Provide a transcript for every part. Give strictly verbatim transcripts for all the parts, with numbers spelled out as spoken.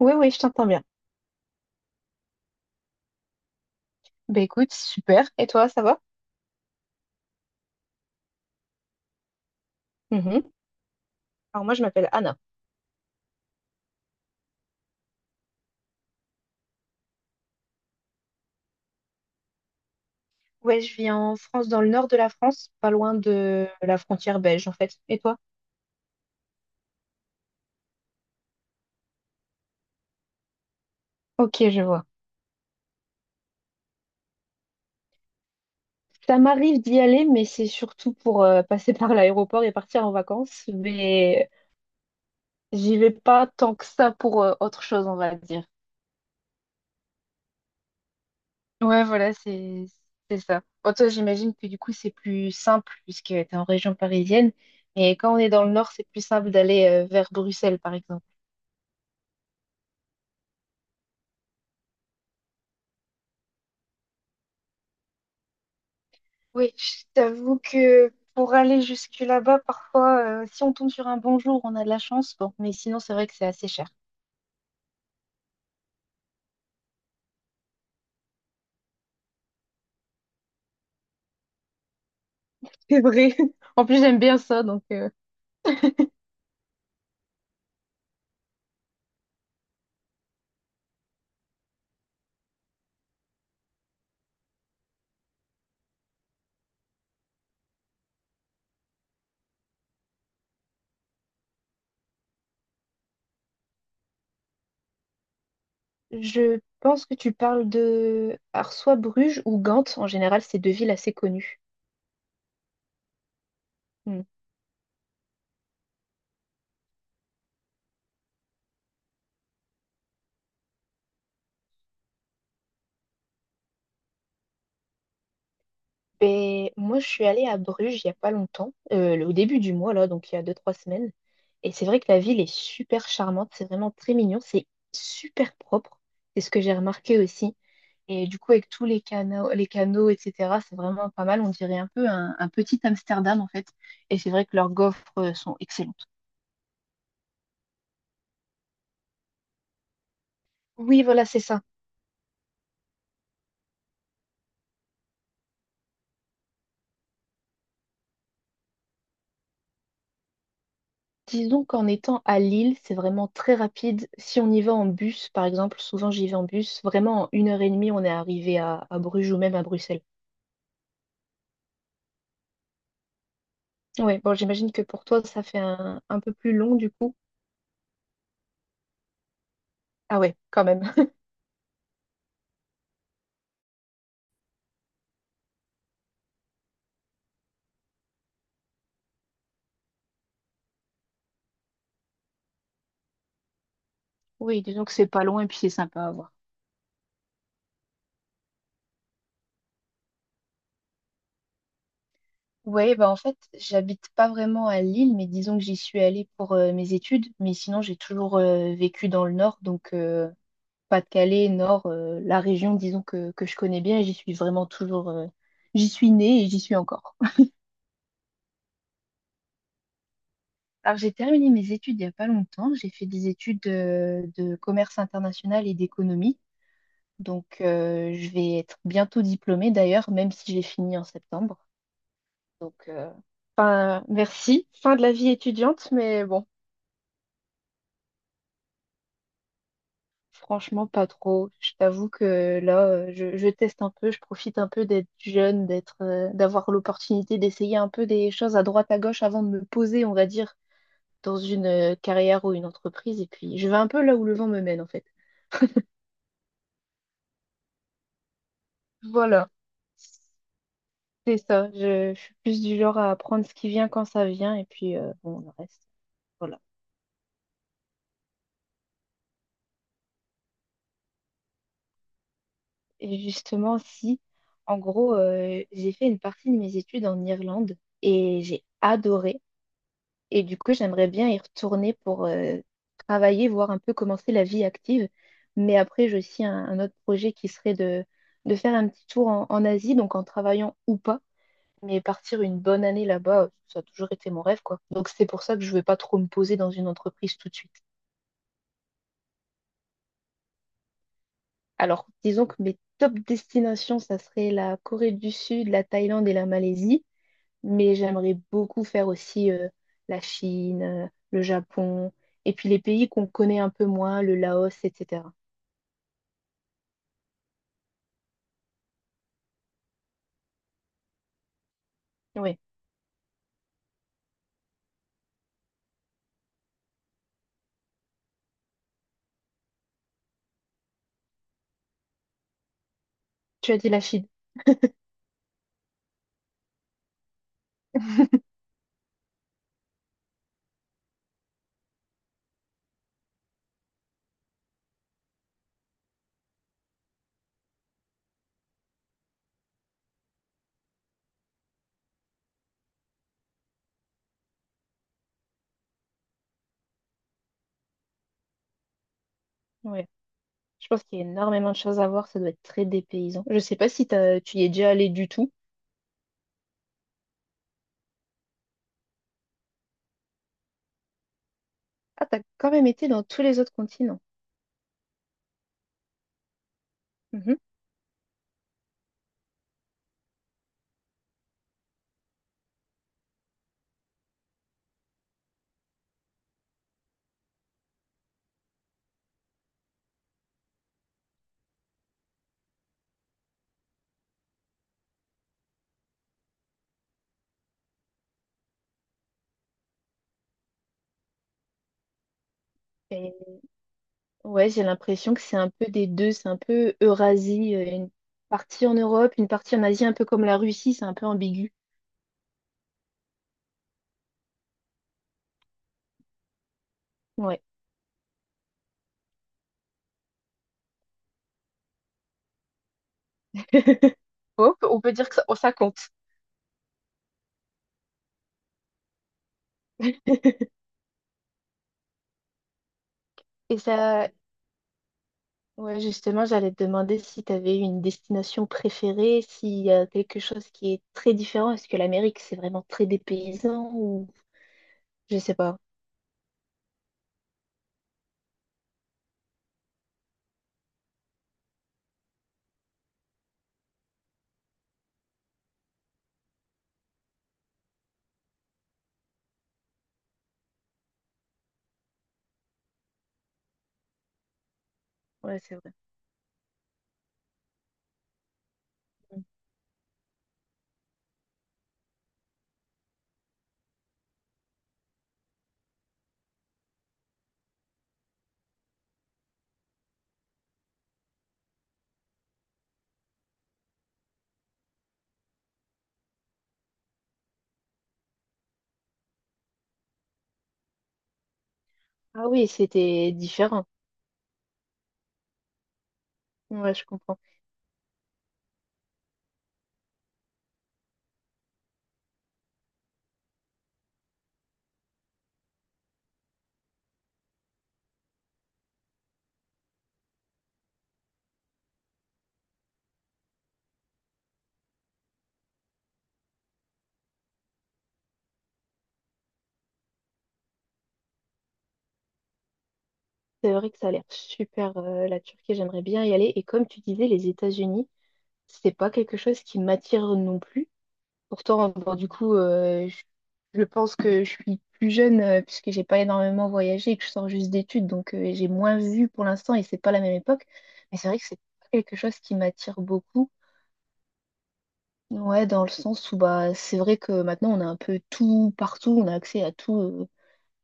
Oui, oui, je t'entends bien. Ben écoute, super. Et toi, ça va? Mhm. Alors moi, je m'appelle Anna. Ouais, je vis en France, dans le nord de la France, pas loin de la frontière belge, en fait. Et toi? Ok, je vois. Ça m'arrive d'y aller, mais c'est surtout pour euh, passer par l'aéroport et partir en vacances. Mais j'y vais pas tant que ça pour euh, autre chose, on va dire. Ouais, voilà, c'est c'est ça. Bon, toi, j'imagine que du coup, c'est plus simple puisque tu es en région parisienne. Et quand on est dans le nord, c'est plus simple d'aller euh, vers Bruxelles, par exemple. Oui, je t'avoue que pour aller jusque là-bas, parfois, euh, si on tombe sur un bon jour, on a de la chance. Bon, mais sinon, c'est vrai que c'est assez cher. C'est vrai. En plus, j'aime bien ça, donc. euh, Je pense que tu parles de alors soit Bruges ou Gand. En général, c'est deux villes assez connues. Hmm. Ben, moi, je suis allée à Bruges il y a pas longtemps, euh, le- au début du mois, là, donc il y a deux, trois semaines. Et c'est vrai que la ville est super charmante, c'est vraiment très mignon, c'est super propre. C'est ce que j'ai remarqué aussi. Et du coup, avec tous les canaux, les canaux, et cetera, c'est vraiment pas mal. On dirait un peu un, un petit Amsterdam, en fait. Et c'est vrai que leurs gaufres euh, sont excellentes. Oui, voilà, c'est ça. Disons qu'en étant à Lille, c'est vraiment très rapide. Si on y va en bus, par exemple, souvent j'y vais en bus, vraiment en une heure et demie, on est arrivé à, à Bruges ou même à Bruxelles. Oui, bon, j'imagine que pour toi, ça fait un, un peu plus long du coup. Ah ouais, quand même. Oui, disons que c'est pas loin et puis c'est sympa à voir. Ouais, bah en fait, j'habite pas vraiment à Lille, mais disons que j'y suis allée pour euh, mes études. Mais sinon, j'ai toujours euh, vécu dans le nord, donc euh, Pas-de-Calais, nord, euh, la région, disons que, que je connais bien et j'y suis vraiment toujours. Euh, j'y suis née et j'y suis encore. Alors, j'ai terminé mes études il y a pas longtemps. J'ai fait des études euh, de commerce international et d'économie. Donc, euh, je vais être bientôt diplômée d'ailleurs, même si j'ai fini en septembre. Donc, euh, fin- merci. Fin de la vie étudiante, mais bon, franchement, pas trop. Je t'avoue que là, euh, je, je teste un peu, je profite un peu d'être jeune, d'être, euh, d'avoir l'opportunité d'essayer un peu des choses à droite, à gauche avant de me poser, on va dire, dans une euh, carrière ou une entreprise. Et puis, je vais un peu là où le vent me mène, en fait. Voilà. C'est ça. Je, je suis plus du genre à apprendre ce qui vient quand ça vient, et puis, euh, bon, le reste. Voilà. Et justement, si. En gros, euh, j'ai fait une partie de mes études en Irlande et j'ai adoré. Et du coup, j'aimerais bien y retourner pour euh, travailler, voir un peu commencer la vie active. Mais après, j'ai aussi un, un autre projet qui serait de, de faire un petit tour en, en Asie, donc en travaillant ou pas. Mais partir une bonne année là-bas, ça a toujours été mon rêve, quoi. Donc c'est pour ça que je ne vais pas trop me poser dans une entreprise tout de suite. Alors, disons que mes top destinations, ça serait la Corée du Sud, la Thaïlande et la Malaisie. Mais j'aimerais beaucoup faire aussi euh, la Chine, euh, le Japon, et puis les pays qu'on connaît un peu moins, le Laos, et cetera. Oui, tu as dit la Chine. Oui, je pense qu'il y a énormément de choses à voir, ça doit être très dépaysant. Je sais pas si t'as- tu y es déjà allé du tout. Ah, t'as quand même été dans tous les autres continents. Mhm. Et ouais, j'ai l'impression que c'est un peu des deux, c'est un peu Eurasie, euh, une partie en Europe, une partie en Asie, un peu comme la Russie, c'est un peu ambigu. Ouais. On on peut dire que ça ça compte. Et ça, ouais, justement, j'allais te demander si tu avais une destination préférée, s'il y a quelque chose qui est très différent. Est-ce que l'Amérique, c'est vraiment très dépaysant ou je sais pas. Ouais, c'est vrai. Mm. Ah oui, c'était différent. Ouais, je comprends. C'est vrai que ça a l'air super, euh, la Turquie, j'aimerais bien y aller. Et comme tu disais, les États-Unis, c'est pas quelque chose qui m'attire non plus. Pourtant, bon, du coup, euh, je, je pense que je suis plus jeune euh, puisque j'ai pas énormément voyagé et que je sors juste d'études, donc euh, j'ai moins vu pour l'instant et c'est pas la même époque. Mais c'est vrai que c'est pas quelque chose qui m'attire beaucoup. Ouais, dans le sens où bah c'est vrai que maintenant on a un peu tout partout, on a accès à tout, euh,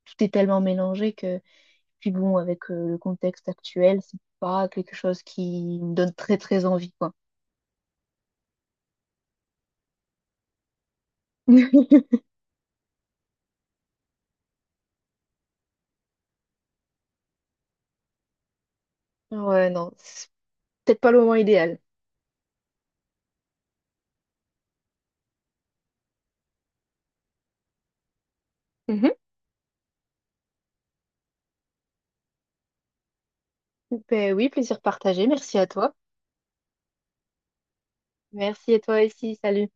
tout est tellement mélangé que puis bon, avec euh, le contexte actuel, c'est pas quelque chose qui me donne très très envie, quoi. Ouais, non, c'est peut-être pas le moment idéal. Ben oui, plaisir partagé. Merci à toi. Merci à toi aussi. Salut.